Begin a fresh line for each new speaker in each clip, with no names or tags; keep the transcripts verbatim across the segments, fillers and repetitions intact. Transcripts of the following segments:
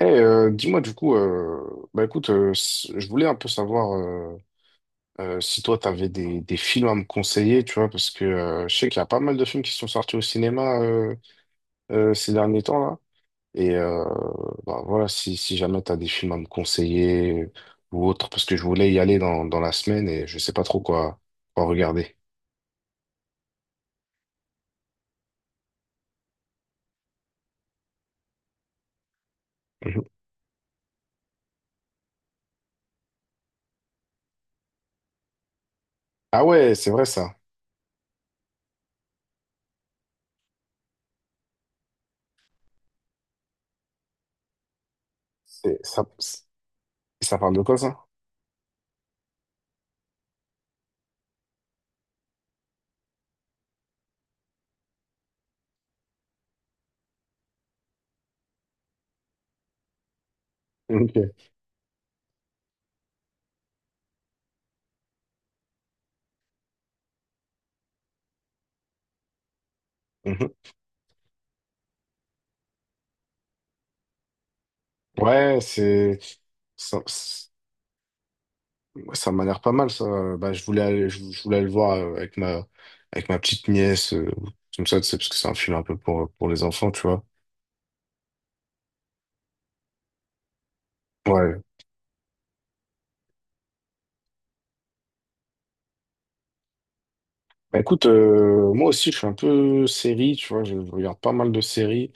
Eh, euh, dis-moi du coup, euh, bah écoute, euh, s- je voulais un peu savoir euh, euh, si toi t'avais des, des films à me conseiller, tu vois, parce que euh, je sais qu'il y a pas mal de films qui sont sortis au cinéma euh, euh, ces derniers temps là, et euh, bah voilà, si, si jamais t'as des films à me conseiller ou autre, parce que je voulais y aller dans, dans la semaine et je sais pas trop quoi, quoi regarder. Mhm. Ah ouais, c'est vrai ça. C'est ça, ça parle de quoi ça? Ok. Mhm. Ouais, c'est ça- ça m'a l'air pas mal, ça. Bah, je voulais aller, je, je voulais aller le voir euh, avec ma, avec ma petite nièce, euh, comme ça, tu sais, parce que c'est un film un peu pour, pour les enfants, tu vois. Ouais. Bah, écoute, euh, moi aussi, je suis un peu série, tu vois, je regarde pas mal de séries.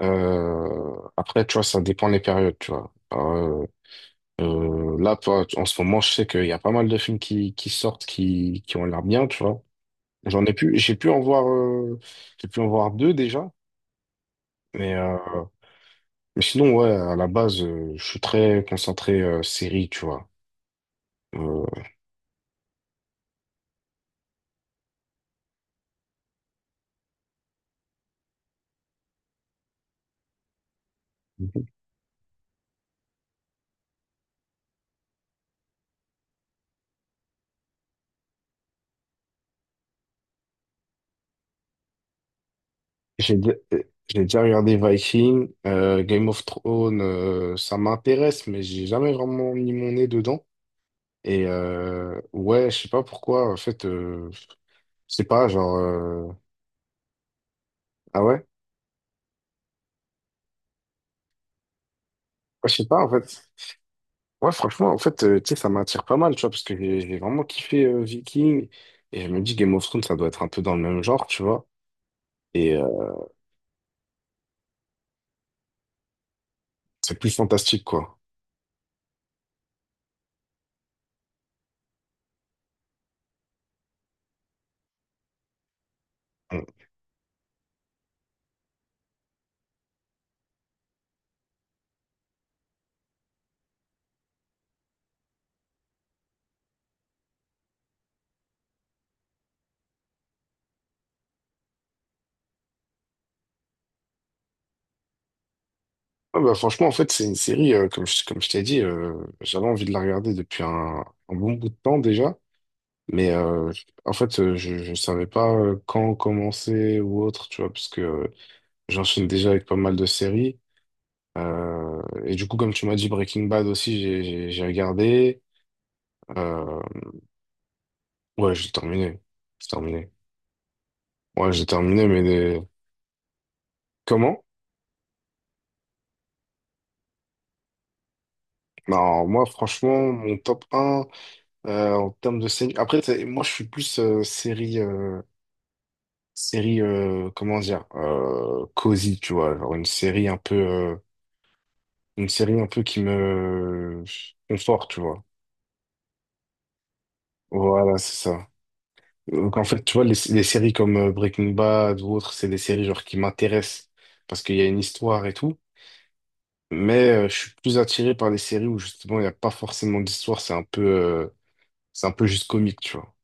Euh, après, tu vois, ça dépend des périodes, tu vois. Euh, euh, là, toi, en ce moment, je sais qu'il y a pas mal de films qui, qui sortent, qui, qui ont l'air bien, tu vois. J'en ai pu, j'ai pu en voir, euh, j'ai pu en voir deux déjà, mais euh, Mais sinon, ouais, à la base, euh, je suis très concentré euh, série, tu vois. Euh, j'ai dé- euh, j'ai déjà regardé Viking, euh, Game of Thrones, euh, ça m'intéresse, mais j'ai jamais vraiment mis mon nez dedans. Et euh, ouais, je sais pas pourquoi, en fait, euh, je sais pas, genre... euh, Ah ouais? Ouais, je sais pas, en fait. Ouais, franchement, en fait, euh, tu sais, ça m'attire pas mal, tu vois, parce que j'ai j'ai vraiment kiffé euh, Viking. Et je me dis, Game of Thrones, ça doit être un peu dans le même genre, tu vois. Et euh, c'est plus fantastique, quoi. Ouais, bah, franchement, en fait, c'est une série, euh, comme je, comme je t'ai dit, euh, j'avais envie de la regarder depuis un, un bon bout de temps déjà. Mais euh, en fait, euh, je ne savais pas euh, quand commencer ou autre, tu vois, parce que euh, j'enchaîne déjà avec pas mal de séries. Euh, et du coup, comme tu m'as dit, Breaking Bad aussi, j'ai j'ai- j'ai regardé. Euh, ouais, j'ai terminé. J'ai terminé. Ouais, j'ai terminé, mais des- comment? Non, moi, franchement, mon top un euh, en termes de série. Après, t'sais, moi, je suis plus euh, série. Euh, série euh, comment dire euh, cosy, tu vois, genre une série un peu euh, une série un peu qui me conforte, tu vois, voilà c'est ça. Donc en fait tu vois les, les séries comme euh, Breaking Bad ou autres, c'est des séries genre qui m'intéressent parce qu'il y a une histoire et tout, mais euh, je suis plus attiré par les séries où justement il n'y a pas forcément d'histoire, c'est un peu euh, c'est un peu juste comique, tu vois.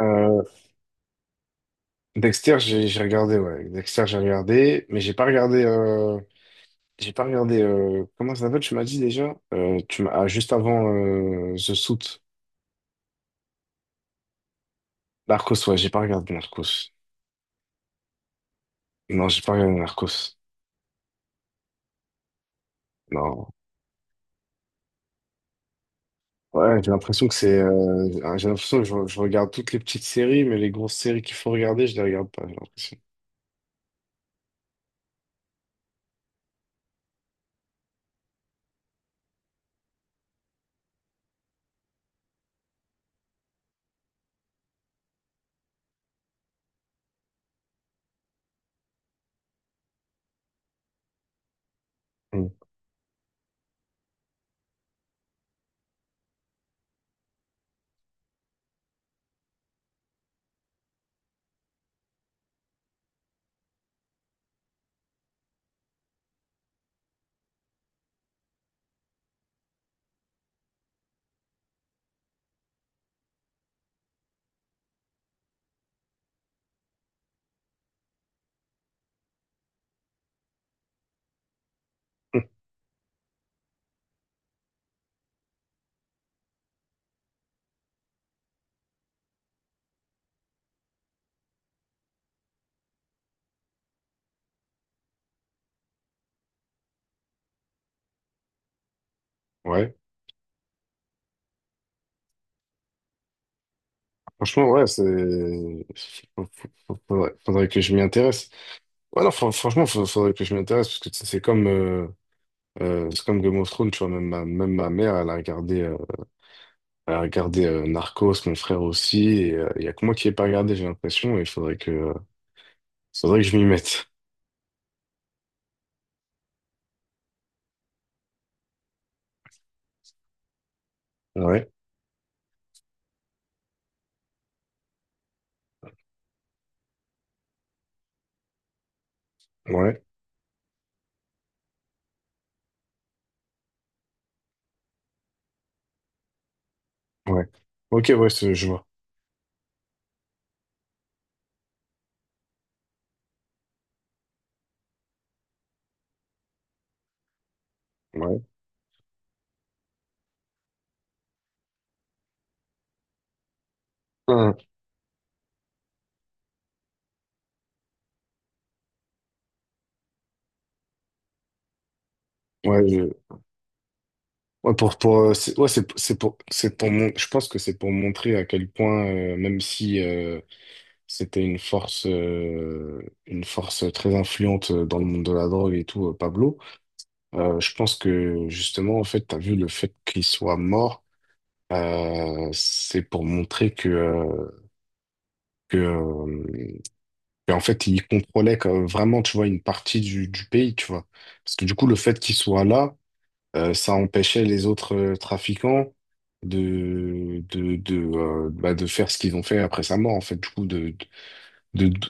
Euh, Dexter, j'ai j'ai regardé, ouais. Dexter, j'ai regardé, mais j'ai pas regardé. euh, J'ai pas regardé. euh, Comment ça s'appelle? Tu m'as dit déjà? Euh, tu m'as ah, juste avant euh, The Suit. Narcos, ouais, j'ai pas regardé Narcos. Non, j'ai pas regardé Narcos. Non. Ouais, j'ai l'impression que c'est. euh, ah, j'ai l'impression que je, je regarde toutes les petites séries, mais les grosses séries qu'il faut regarder, je les regarde pas, j'ai l'impression. Mm. Ouais, franchement, ouais, c'est. Faut- faut- faut- Faudrait, faudrait que je m'y intéresse. Ouais, non, fran- franchement, faut- faudrait que je m'y intéresse, parce que tu sais, c'est comme, euh, euh, c'est comme Game of Thrones, tu vois, même ma, même ma mère, elle a regardé, euh, elle a regardé euh, Narcos, mon frère aussi, et euh, il y a que moi qui n'ai pas regardé, j'ai l'impression, et il faudrait que, euh, faudrait que je m'y mette. Ouais, ouais, ouais. Ok, ouais, c'est- je vois. Ouais. Hein. Ouais. Ouais, pour, pour, euh, c'est, ouais, c'est, c'est pour, c'est pour mon, je pense que c'est pour montrer à quel point, euh, même si euh, c'était une force, euh, une force très influente dans le monde de la drogue et tout, euh, Pablo, euh, je pense que justement, en fait, t'as vu le fait qu'il soit mort, euh, c'est pour montrer que, euh, que, euh, qu'en fait, il contrôlait quand- vraiment, tu vois, une partie du, du pays, tu vois. Parce que du coup, le fait qu'il soit là, Euh, ça empêchait les autres euh, trafiquants de, de, de, euh, bah, de faire ce qu'ils ont fait après sa mort, en fait, du coup, de, de, de,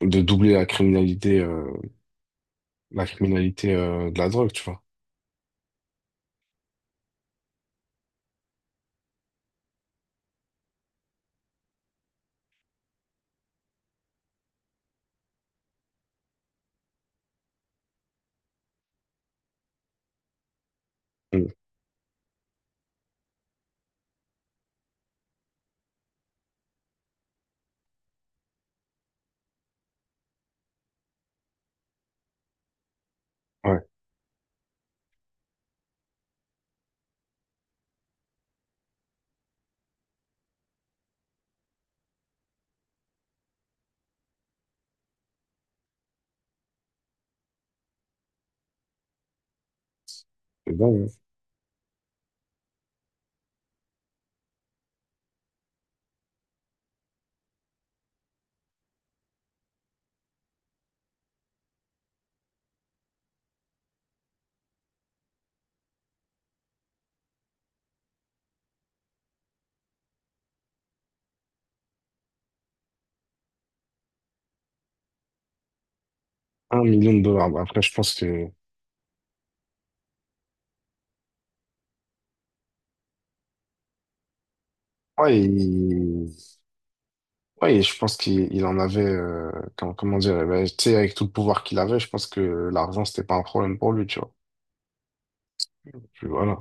de doubler la criminalité, euh, la criminalité euh, de la drogue, tu vois. Mm. Ouais, c'est dingue, hein. Un million de dollars. Bah, après, je pense que... Ouais. Ouais, et je pense qu'il il en avait, euh, comment, comment dire, eh ben, tu sais, avec tout le pouvoir qu'il avait, je pense que l'argent, c'était pas un problème pour lui, tu vois. Puis voilà.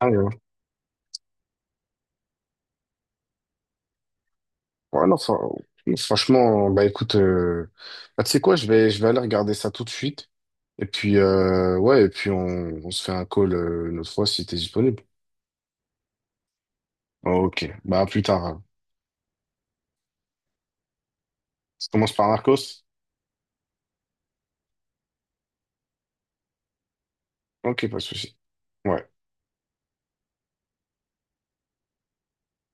Ah, ouais. Ouais, non, fran- franchement, bah écoute, euh, bah, tu sais quoi, je vais, je vais aller regarder ça tout de suite. Et puis, euh, ouais, et puis on, on se fait un call euh, une autre fois si t'es disponible. Oh, ok, bah à plus tard. Ça commence par Marcos? Ok, pas de souci. Ouais.